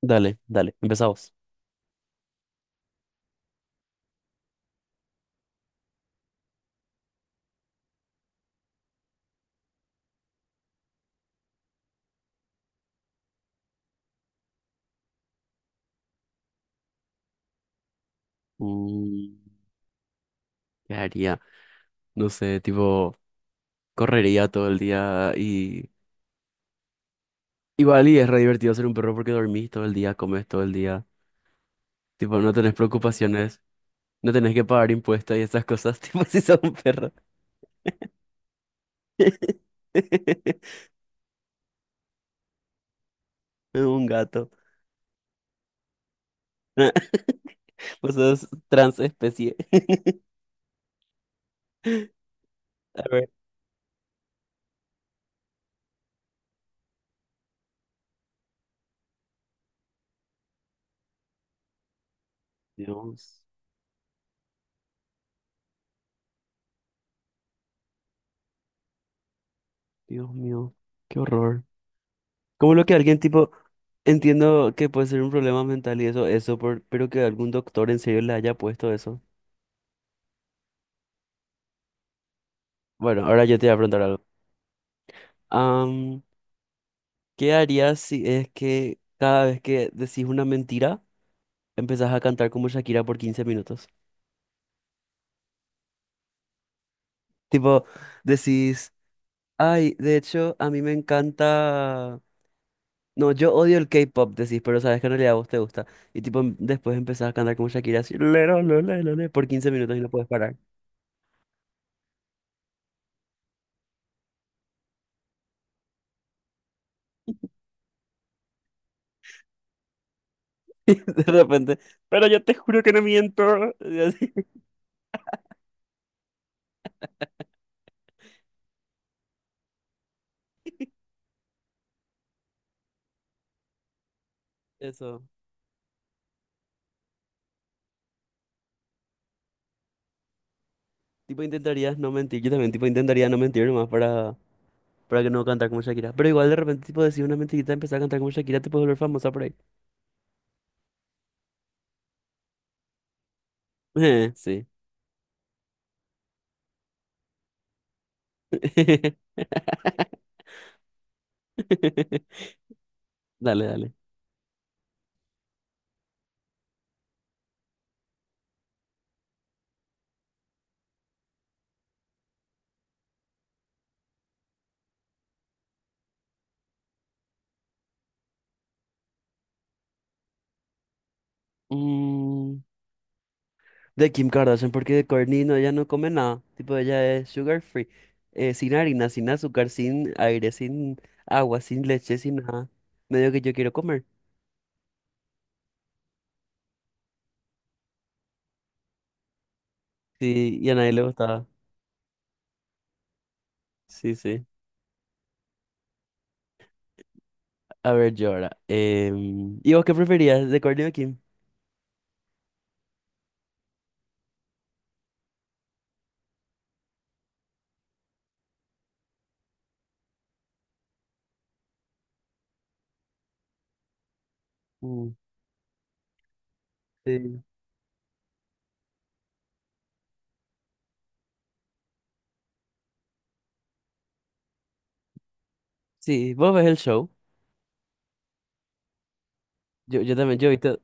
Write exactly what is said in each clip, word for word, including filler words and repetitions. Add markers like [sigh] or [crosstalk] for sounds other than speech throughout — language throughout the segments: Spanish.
Dale, dale, empezamos. Mm, ¿Qué haría? No sé, tipo, correría todo el día y... Igual y es re divertido ser un perro porque dormís todo el día, comes todo el día. Tipo, no tenés preocupaciones, no tenés que pagar impuestos y esas cosas, [laughs] tipo, si sos un perro. [laughs] Un gato. [laughs] Pues sos transespecie. [laughs] A ver. Dios, Dios mío, qué horror. ¿Cómo lo que alguien tipo entiendo que puede ser un problema mental y eso, eso, por- pero que algún doctor en serio le haya puesto eso. Bueno, ahora yo te voy a preguntar algo. Am, ¿Qué harías si es que cada vez que decís una mentira, empezás a cantar como Shakira por quince minutos? Tipo, decís, ay, de hecho, a mí me encanta... No, yo odio el K-pop, decís, pero sabes que en realidad a vos te gusta. Y tipo, em- después empezás a cantar como Shakira así, "Lero, lo, le, lo, le", por quince minutos y no puedes parar. [laughs] De repente, pero yo te juro que no miento. [laughs] Eso. Tipo, intentarías no mentir. Yo también, tipo, intentaría no mentir nomás para, para que no cantar como Shakira. Pero igual de repente, tipo, decir una mentirita, y empezar a cantar como Shakira, te puedes volver famosa por ahí. Eh, sí. [laughs] Dale, dale. Mm, de Kim Kardashian, porque de Kourtney no, ella no come nada. Tipo, ella es sugar free. Eh, sin harina, sin azúcar, sin aire, sin agua, sin leche, sin nada. Medio que yo quiero comer. Sí, y a nadie le gustaba. Sí, sí. A ver, yo ahora. Em, ¿y vos qué preferías de Courtney Kim? Mm, sí. Sí, vos ves el show. Yo, yo también, yo he visto,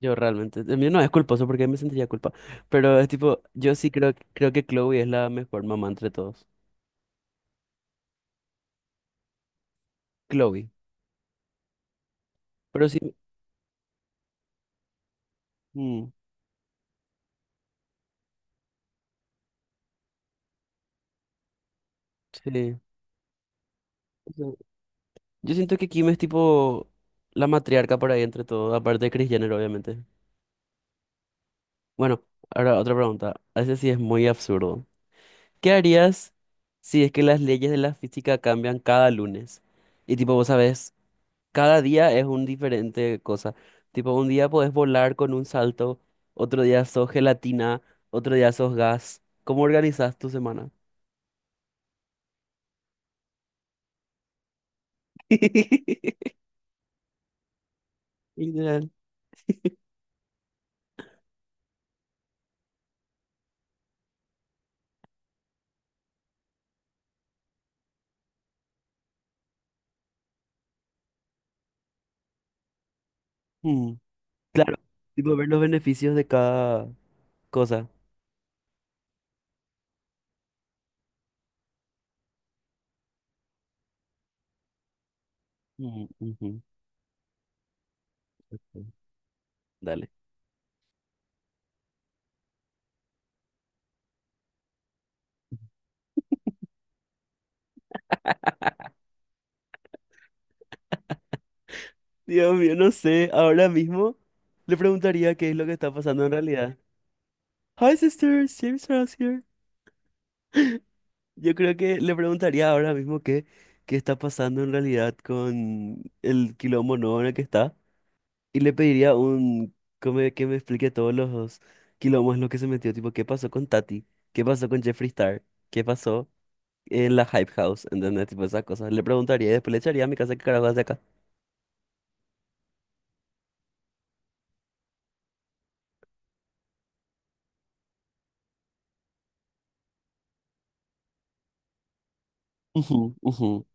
yo realmente, el mío no es culposo porque me sentiría culpa, pero es tipo, yo sí creo, creo que Chloe es la mejor mamá entre todos. Chloe. Pero sí, mm, sí. Eso. Yo siento que Kim es tipo la matriarca por ahí entre todos, aparte de Kris Jenner, obviamente. Bueno, ahora otra pregunta. A ese sí es muy absurdo. ¿Qué harías si es que las leyes de la física cambian cada lunes? Y tipo, vos sabés, cada día es un diferente cosa. Tipo, un día podés volar con un salto, otro día sos gelatina, otro día sos gas. ¿Cómo organizas tu semana? [laughs] Literal. Mm, claro, tipo ver los beneficios de cada cosa. Mm, ujú, sí. Dale. [laughs] Dios mío, no sé, ahora mismo le preguntaría qué es lo que está pasando en realidad. Hi sisters, James Ross here. [laughs] Yo creo que le preguntaría ahora mismo qué, qué está pasando en realidad con el quilombo nuevo en el que está. Y le pediría un que me, que me explique todos los quilombos en los que se metió. Tipo, ¿qué pasó con Tati? ¿Qué pasó con Jeffree Star? ¿Qué pasó en la Hype House? ¿Entendés? Tipo esas cosas. Le preguntaría y después le echaría a mi casa qué carajo hace acá. Ujú, ujú.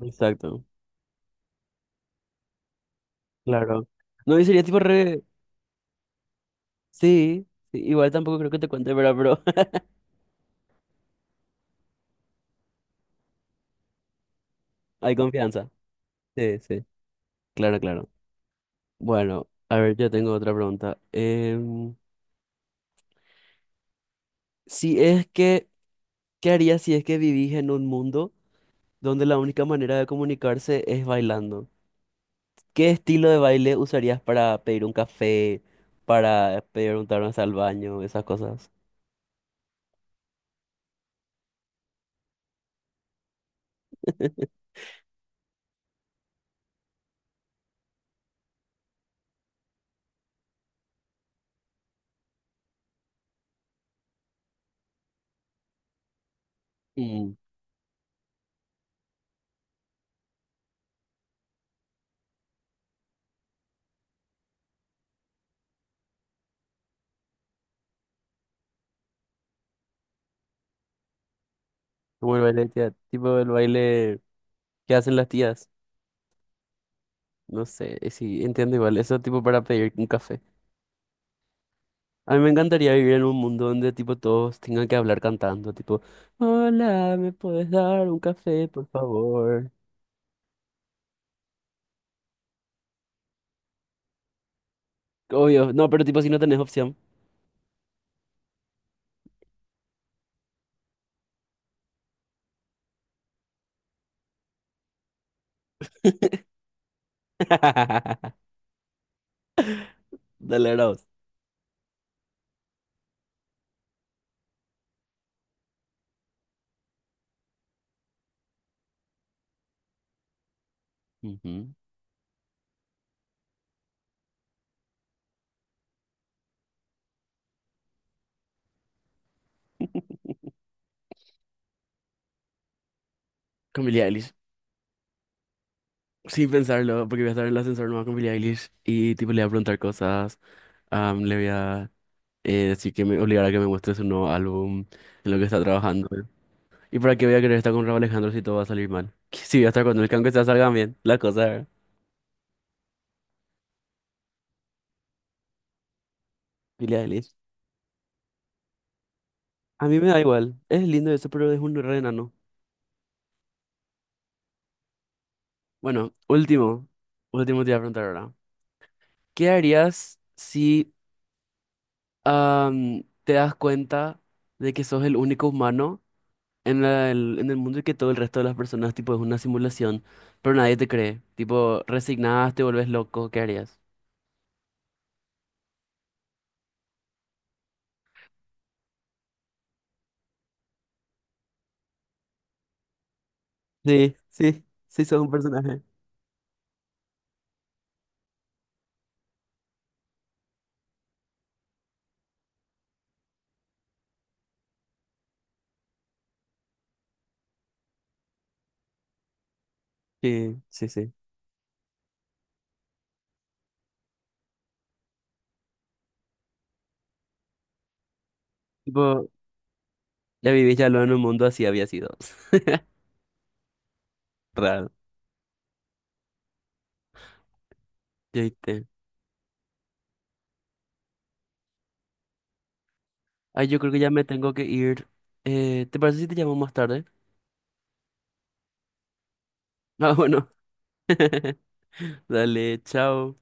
Exacto. Claro. No, y sería tipo re... Sí, sí, igual tampoco creo que te cuente, ¿verdad? Pero [laughs] hay confianza. Sí, sí. Claro, claro. Bueno, a ver, yo tengo otra pregunta. Em, si es que, ¿qué harías si es que vivís en un mundo donde la única manera de comunicarse es bailando? ¿Qué estilo de baile usarías para pedir un café, para preguntar hasta al baño, esas cosas? [laughs] Mm. Como el baile, de tía- tipo el baile que hacen las tías. No sé, eh, sí, entiendo igual. Eso tipo para pedir un café. A mí me encantaría vivir en un mundo donde tipo todos tengan que hablar cantando, tipo, hola, ¿me puedes dar un café, por favor? Obvio, no, pero tipo si no tenés opción. [laughs] Dale, Ross. Ujú. [laughs] Con Billie Eilish. Sin pensarlo, porque voy a estar en el ascensor nomás con Billie Eilish y tipo le voy a preguntar cosas, am, le voy a eh, decir que me obligará a que me muestre su nuevo álbum, en lo que está trabajando. ¿Y para qué voy a querer estar con Raúl Alejandro si todo va a salir mal? [laughs] Si voy a estar con él, que aunque sea salgan bien, la cosa, ¿verdad? Billie Eilish. A mí me da igual. Es lindo eso, pero es un re enano. Bueno, último. Último te voy a preguntar ahora. ¿Qué harías si am, te das cuenta de que sos el único humano en la- el, en el mundo y que todo el resto de las personas, tipo, es una simulación, pero nadie te cree? Tipo, resignás, te volvés loco, ¿qué harías? Sí, sí, sí, sos un personaje. Sí, sí, sí. Tipo, ya vivís ya lo en un mundo así había sido. [laughs] Raro. ¿Ya viste? Ay, yo creo que ya me tengo que ir. Eh, ¿te parece si te llamo más tarde? Ah, bueno. [laughs] Dale, chao.